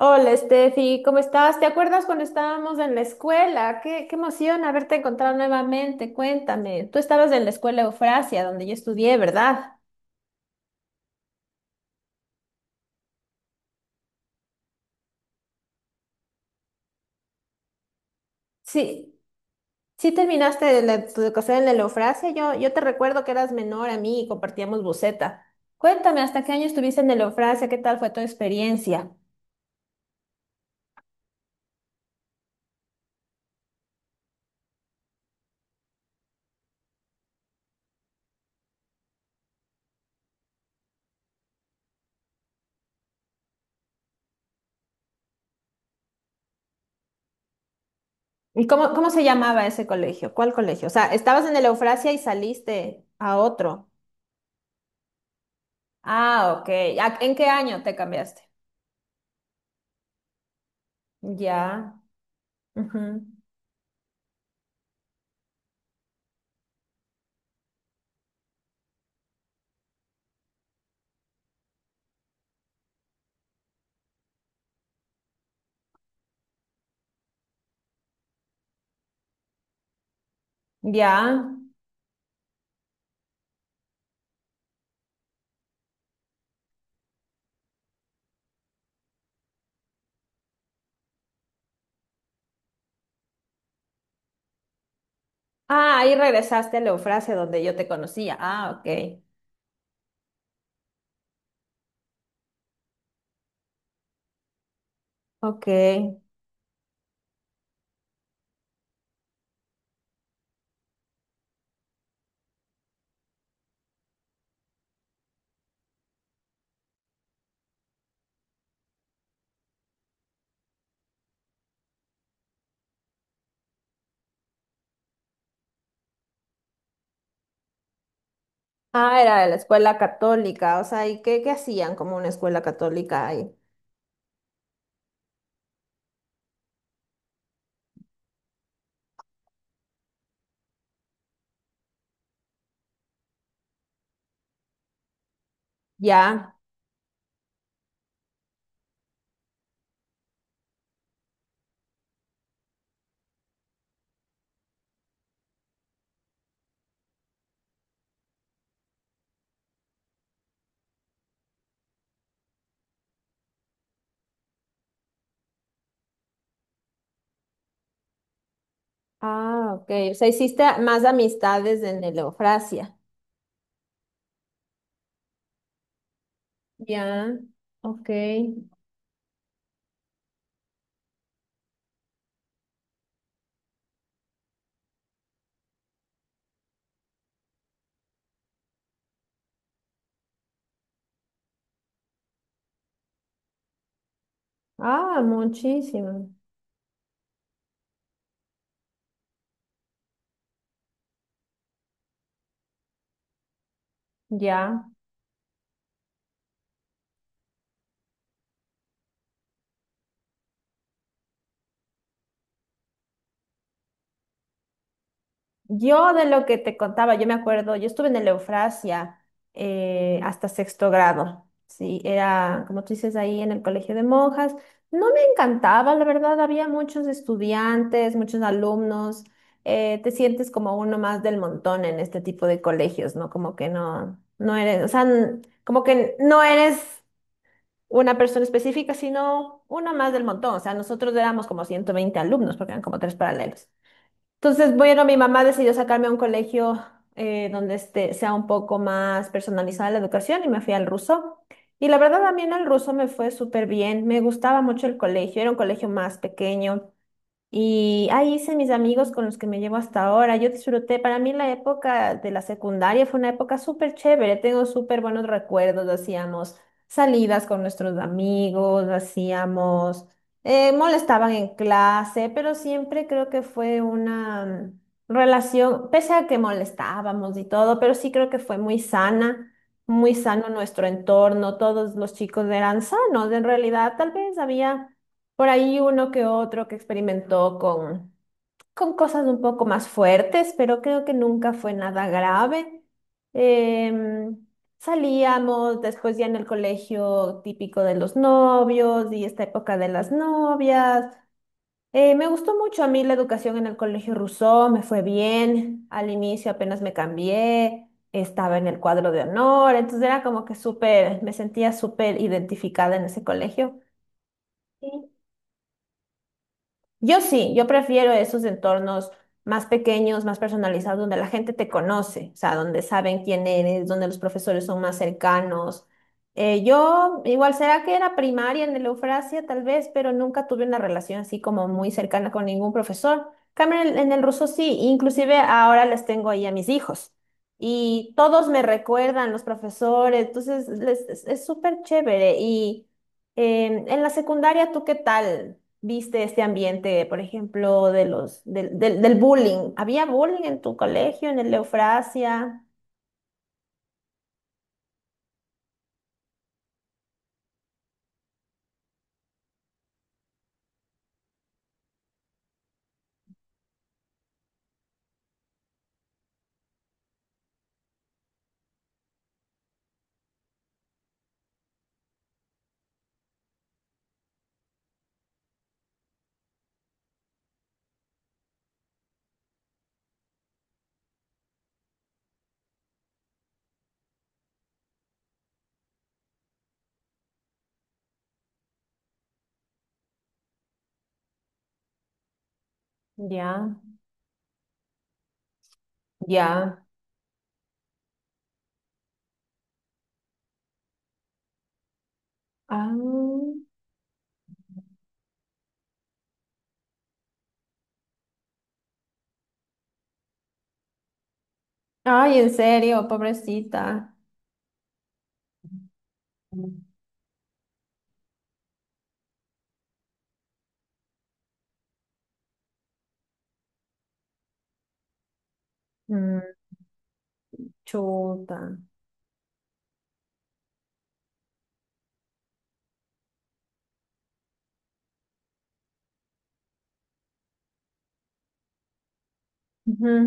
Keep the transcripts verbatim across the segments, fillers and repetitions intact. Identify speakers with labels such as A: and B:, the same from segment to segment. A: Hola, Steffi, ¿cómo estás? ¿Te acuerdas cuando estábamos en la escuela? Qué, qué emoción haberte encontrado nuevamente. Cuéntame, tú estabas en la escuela Eufrasia, donde yo estudié, ¿verdad? Sí, sí terminaste la- tu educación en la Eufrasia. Yo, yo te recuerdo que eras menor a mí y compartíamos buceta. Cuéntame, ¿hasta qué año estuviste en la Eufrasia? ¿Qué tal fue tu experiencia? ¿Y cómo, cómo se llamaba ese colegio? ¿Cuál colegio? O sea, estabas en la Eufrasia y saliste a otro. Ah, ok. ¿A- ¿En qué año te cambiaste? Ya. Ujú. Ya. Ah, ahí regresaste a la frase donde yo te conocía. Ah, ok. Ok. Ah, era de la escuela católica. O sea, ¿y qué, qué hacían como una escuela católica ahí? Ya. Ah, ok. O sea, hiciste más amistades en Eleofrasia. Ya. Ok. Ah, muchísimo. Ya. Yo de lo que te contaba, yo me acuerdo, yo estuve en el Eufrasia eh, hasta sexto grado, sí, era, como tú dices, ahí en el colegio de monjas. No me encantaba, la verdad, había muchos estudiantes, muchos alumnos, eh, te sientes como uno más del montón en este tipo de colegios, ¿no? Como que no, no eres, o sea, n- como que no eres una persona específica, sino uno más del montón, o sea, nosotros éramos como ciento veinte alumnos, porque eran como tres paralelos. Entonces, bueno, mi mamá decidió sacarme a un colegio eh, donde este, sea un poco más personalizada la educación y me fui al ruso. Y la verdad, también mí el ruso me fue súper bien. Me gustaba mucho el colegio. Era un colegio más pequeño. Y ahí hice mis amigos con los que me llevo hasta ahora. Yo disfruté, para mí la época de la secundaria fue una época súper chévere. Tengo súper buenos recuerdos. Hacíamos salidas con nuestros amigos, hacíamos, eh, molestaban en clase, pero siempre creo que fue una mm, relación, pese a que molestábamos y todo, pero sí creo que fue muy sana. Muy sano nuestro entorno, todos los chicos eran sanos, en realidad tal vez había por ahí uno que otro que experimentó con, con cosas un poco más fuertes, pero creo que nunca fue nada grave. Em, Salíamos después ya en el colegio típico de los novios y esta época de las novias. Eh, me gustó mucho a mí la educación en el colegio Rousseau, me fue bien. Al inicio apenas me cambié, estaba en el cuadro de honor, entonces era como que súper, me sentía súper identificada en ese colegio. Sí. Yo sí, yo prefiero esos entornos más pequeños, más personalizados, donde la gente te conoce, o sea, donde saben quién eres, donde los profesores son más cercanos. Eh, yo, igual, será que era primaria en el Eufrasia, tal vez, pero nunca tuve una relación así como muy cercana con ningún profesor. Cambio en el, en el ruso sí, inclusive ahora les tengo ahí a mis hijos. Y todos me recuerdan, los profesores, entonces les- es es súper chévere. Y em, en la secundaria, ¿tú qué tal? ¿Viste este ambiente, por ejemplo, de los, del, del, del bullying? ¿Había bullying en tu colegio, en el Eufrasia? Ya, ya. Ah, ay, en serio, pobrecita. Mm. Chuta. Ujú.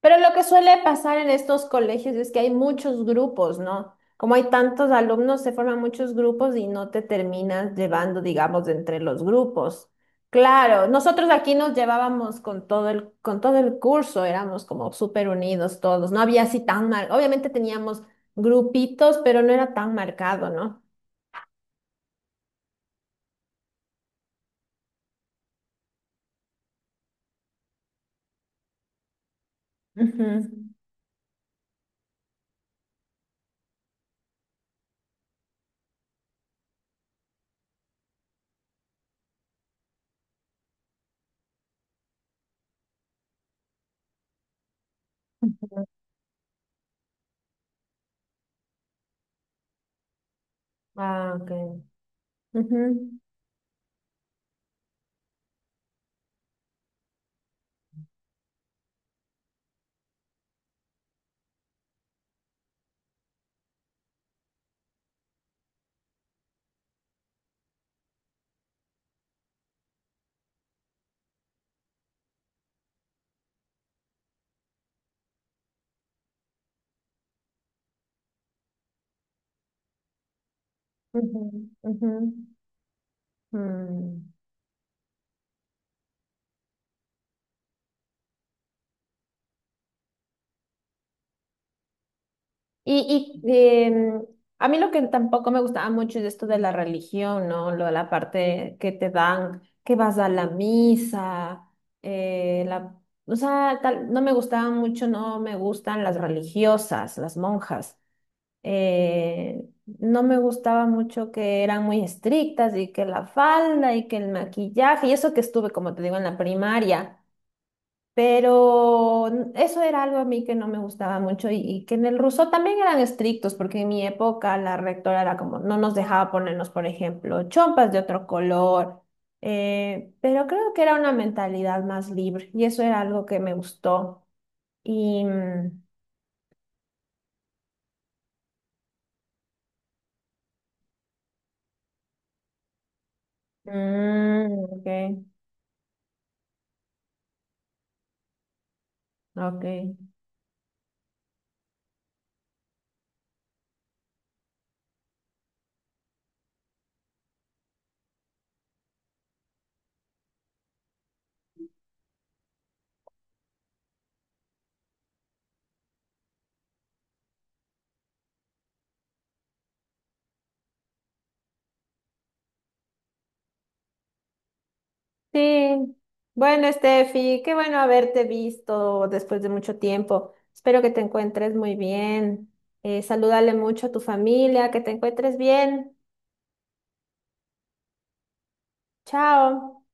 A: Pero lo que suele pasar en estos colegios es que hay muchos grupos, ¿no? Como hay tantos alumnos, se forman muchos grupos y no te terminas llevando, digamos, entre los grupos. Claro, nosotros aquí nos llevábamos con todo el, con todo el curso, éramos como súper unidos todos, no había así tan mal, obviamente teníamos grupitos, pero no era tan marcado, ¿no? Ujú. Ujú. Ah, ok. Ujú, ujú, ujú. Mm. Y, y em, a mí lo que tampoco me gustaba mucho es esto de la religión, ¿no? Lo de la parte que te dan, que vas a la misa, eh, la, o sea, tal, no me gustaban mucho, no me gustan las religiosas, las monjas. Eh, no me gustaba mucho que eran muy estrictas y que la falda y que el maquillaje, y eso que estuve, como te digo, en la primaria. Pero n- eso era algo a mí que no me gustaba mucho y, y que en el ruso también eran estrictos, porque en mi época la rectora era como, no nos dejaba ponernos, por ejemplo, chompas de otro color, eh, pero creo que era una mentalidad más libre y eso era algo que me gustó. Y... mm, mm, ok, ok. Sí, bueno, Steffi, qué bueno haberte visto después de mucho tiempo. Espero que te encuentres muy bien. Eh, salúdale mucho a tu familia, que te encuentres bien. Chao.